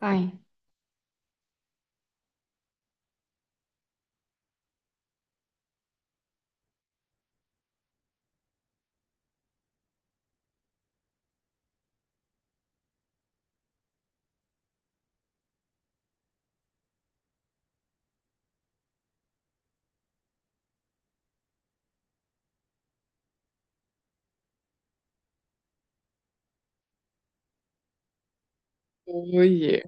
Ei. Oh je.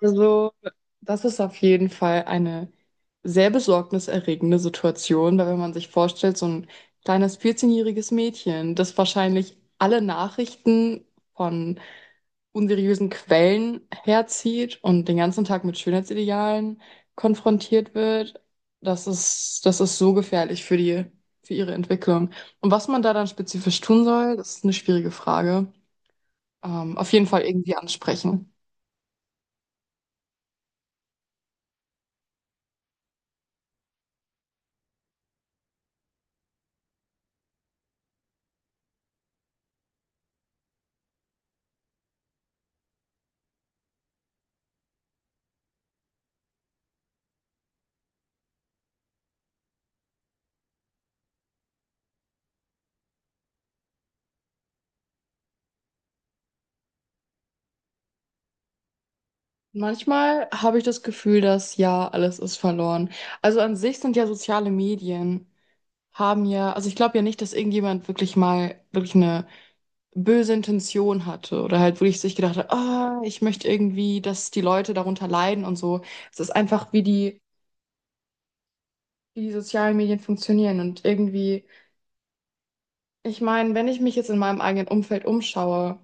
Also, das ist auf jeden Fall eine sehr besorgniserregende Situation, weil wenn man sich vorstellt, so ein kleines 14-jähriges-jähriges Mädchen, das wahrscheinlich alle Nachrichten von unseriösen Quellen herzieht und den ganzen Tag mit Schönheitsidealen konfrontiert wird, das ist so gefährlich für für ihre Entwicklung. Und was man da dann spezifisch tun soll, das ist eine schwierige Frage. Auf jeden Fall irgendwie ansprechen. Manchmal habe ich das Gefühl, dass ja, alles ist verloren. Also an sich sind ja soziale Medien, haben ja, also ich glaube ja nicht, dass irgendjemand wirklich mal wirklich eine böse Intention hatte oder halt wirklich sich gedacht hat, ah, ich möchte irgendwie, dass die Leute darunter leiden und so. Es ist einfach, wie die sozialen Medien funktionieren und irgendwie. Ich meine, wenn ich mich jetzt in meinem eigenen Umfeld umschaue,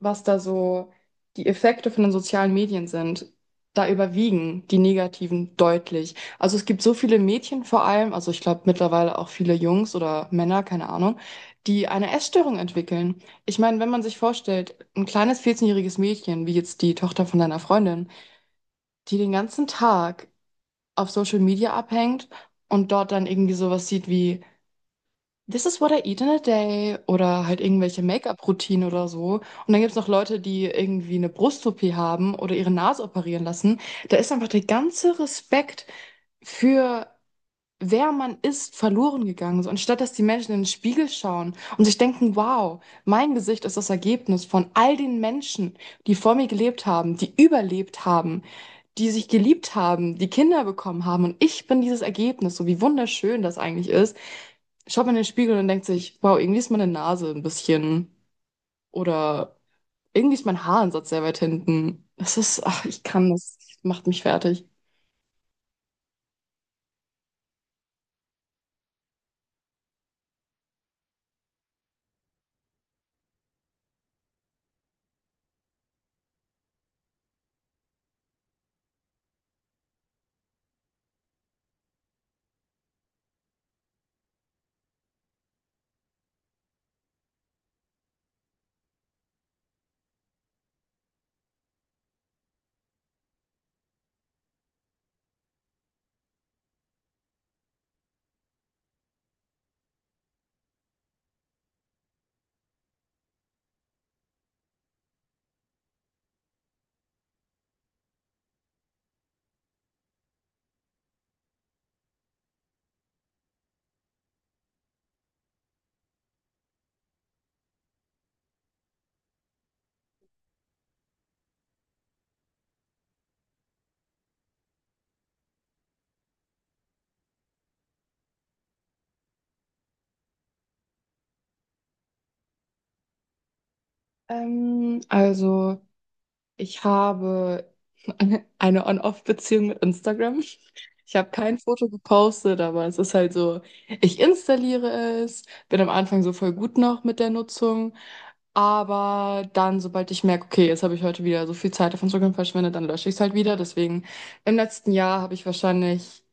was da so die Effekte von den sozialen Medien sind, da überwiegen die negativen deutlich. Also es gibt so viele Mädchen vor allem, also ich glaube mittlerweile auch viele Jungs oder Männer, keine Ahnung, die eine Essstörung entwickeln. Ich meine, wenn man sich vorstellt, ein kleines 14-jähriges-jähriges Mädchen, wie jetzt die Tochter von deiner Freundin, die den ganzen Tag auf Social Media abhängt und dort dann irgendwie sowas sieht wie This is what I eat in a day oder halt irgendwelche Make-up-Routinen oder so. Und dann gibt es noch Leute, die irgendwie eine Brust-OP haben oder ihre Nase operieren lassen. Da ist einfach der ganze Respekt für wer man ist verloren gegangen. So, anstatt dass die Menschen in den Spiegel schauen und sich denken, wow, mein Gesicht ist das Ergebnis von all den Menschen, die vor mir gelebt haben, die überlebt haben, die sich geliebt haben, die Kinder bekommen haben und ich bin dieses Ergebnis, so wie wunderschön das eigentlich ist, schaut man in den Spiegel und denkt sich, wow, irgendwie ist meine Nase ein bisschen oder irgendwie ist mein Haaransatz sehr weit hinten. Das ist, ach, ich kann das, macht mich fertig. Ähm, also, Ich habe eine On-Off-Beziehung mit Instagram. Ich habe kein Foto gepostet, aber es ist halt so, ich installiere es, bin am Anfang so voll gut noch mit der Nutzung, aber dann, sobald ich merke, okay, jetzt habe ich heute wieder so viel Zeit auf Instagram verschwendet, dann lösche ich es halt wieder. Deswegen, im letzten Jahr habe ich wahrscheinlich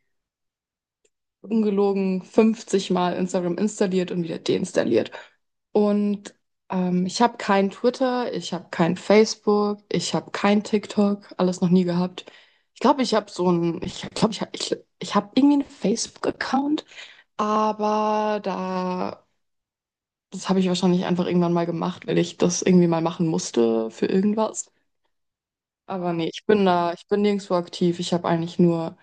ungelogen 50 Mal Instagram installiert und wieder deinstalliert. Und ich habe kein Twitter, ich habe kein Facebook, ich habe kein TikTok, alles noch nie gehabt. Ich glaube, ich habe so ein, ich glaube, ich habe ich, ich hab irgendwie einen Facebook-Account, aber da, das habe ich wahrscheinlich einfach irgendwann mal gemacht, weil ich das irgendwie mal machen musste für irgendwas. Aber nee, ich bin nirgendwo aktiv. Ich habe eigentlich nur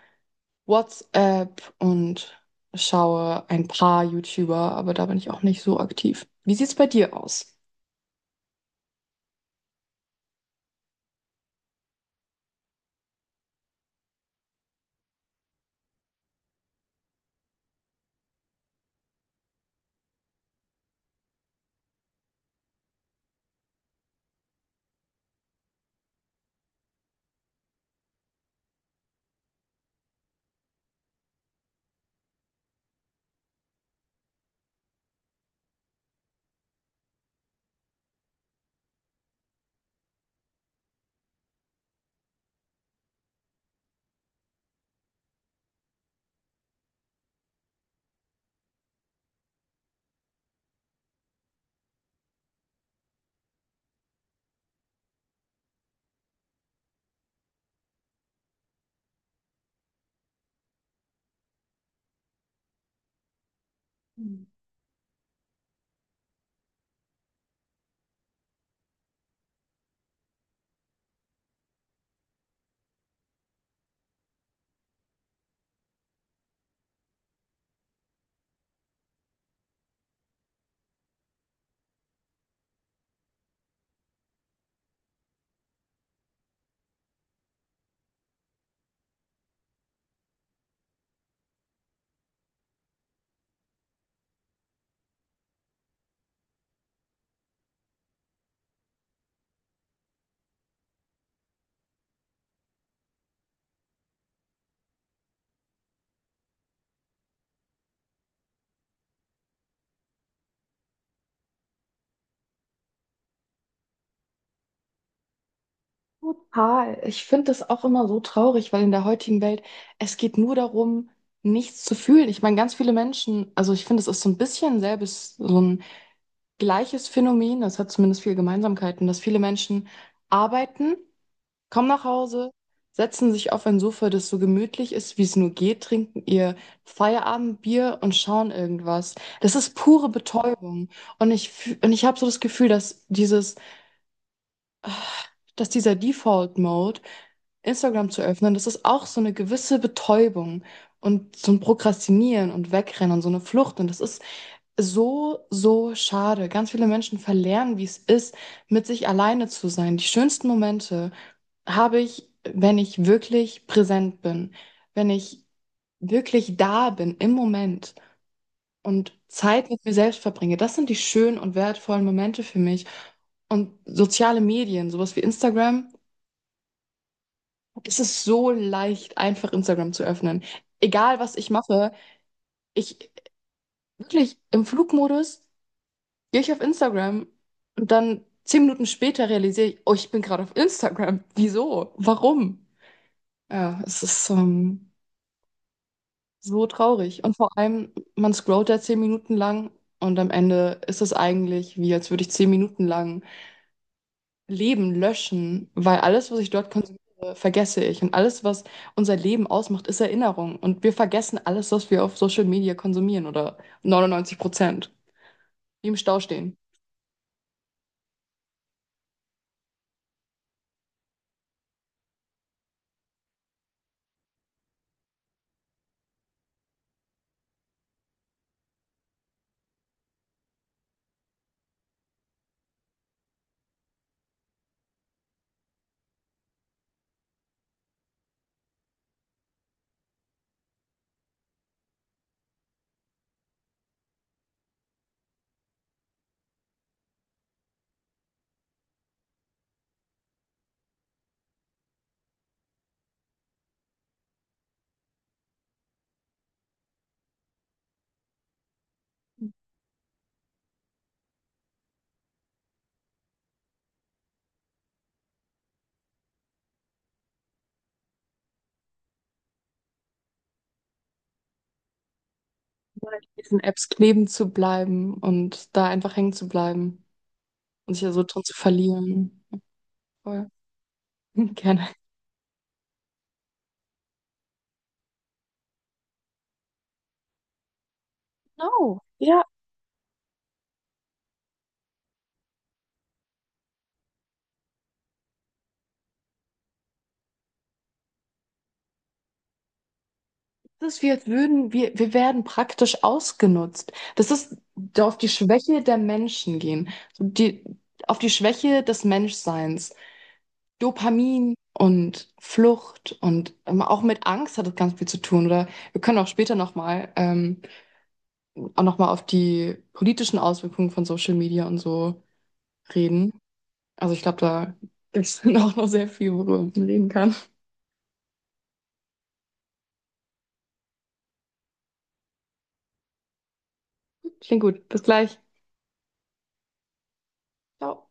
WhatsApp und schaue ein paar YouTuber, aber da bin ich auch nicht so aktiv. Wie sieht's bei dir aus? Total. Ich finde das auch immer so traurig, weil in der heutigen Welt, es geht nur darum, nichts zu fühlen. Ich meine, ganz viele Menschen, also ich finde, es ist so ein bisschen selbes, so ein gleiches Phänomen, das hat zumindest viele Gemeinsamkeiten, dass viele Menschen arbeiten, kommen nach Hause, setzen sich auf ein Sofa, das so gemütlich ist, wie es nur geht, trinken ihr Feierabendbier und schauen irgendwas. Das ist pure Betäubung. Und ich habe so das Gefühl, dass dieses dass dieser Default Mode, Instagram zu öffnen, das ist auch so eine gewisse Betäubung und so ein Prokrastinieren und Wegrennen und so eine Flucht. Und das ist so, so schade. Ganz viele Menschen verlernen, wie es ist, mit sich alleine zu sein. Die schönsten Momente habe ich, wenn ich wirklich präsent bin, wenn ich wirklich da bin im Moment und Zeit mit mir selbst verbringe. Das sind die schönen und wertvollen Momente für mich. Und soziale Medien, sowas wie Instagram, es ist so leicht, einfach Instagram zu öffnen. Egal, was ich mache, ich wirklich im Flugmodus gehe ich auf Instagram und dann zehn Minuten später realisiere ich, oh, ich bin gerade auf Instagram. Wieso? Warum? Ja, es ist so traurig. Und vor allem, man scrollt da zehn Minuten lang und am Ende ist es eigentlich wie, als würde ich zehn Minuten lang Leben löschen, weil alles, was ich dort konsumiere, vergesse ich. Und alles, was unser Leben ausmacht, ist Erinnerung. Und wir vergessen alles, was wir auf Social Media konsumieren oder 99%. Wie im Stau stehen. Nur an diesen Apps kleben zu bleiben und da einfach hängen zu bleiben und sich da so drin zu verlieren. Voll. Gerne. Oh, das ist, wie als würden wir, wir werden praktisch ausgenutzt. Das ist auf die Schwäche der Menschen gehen. So die, auf die Schwäche des Menschseins. Dopamin und Flucht und auch mit Angst hat das ganz viel zu tun. Oder wir können auch später nochmal auch noch mal auf die politischen Auswirkungen von Social Media und so reden. Also ich glaube, da gibt es dann auch noch sehr viel, worüber man reden kann. Klingt gut. Bis gleich. Ciao.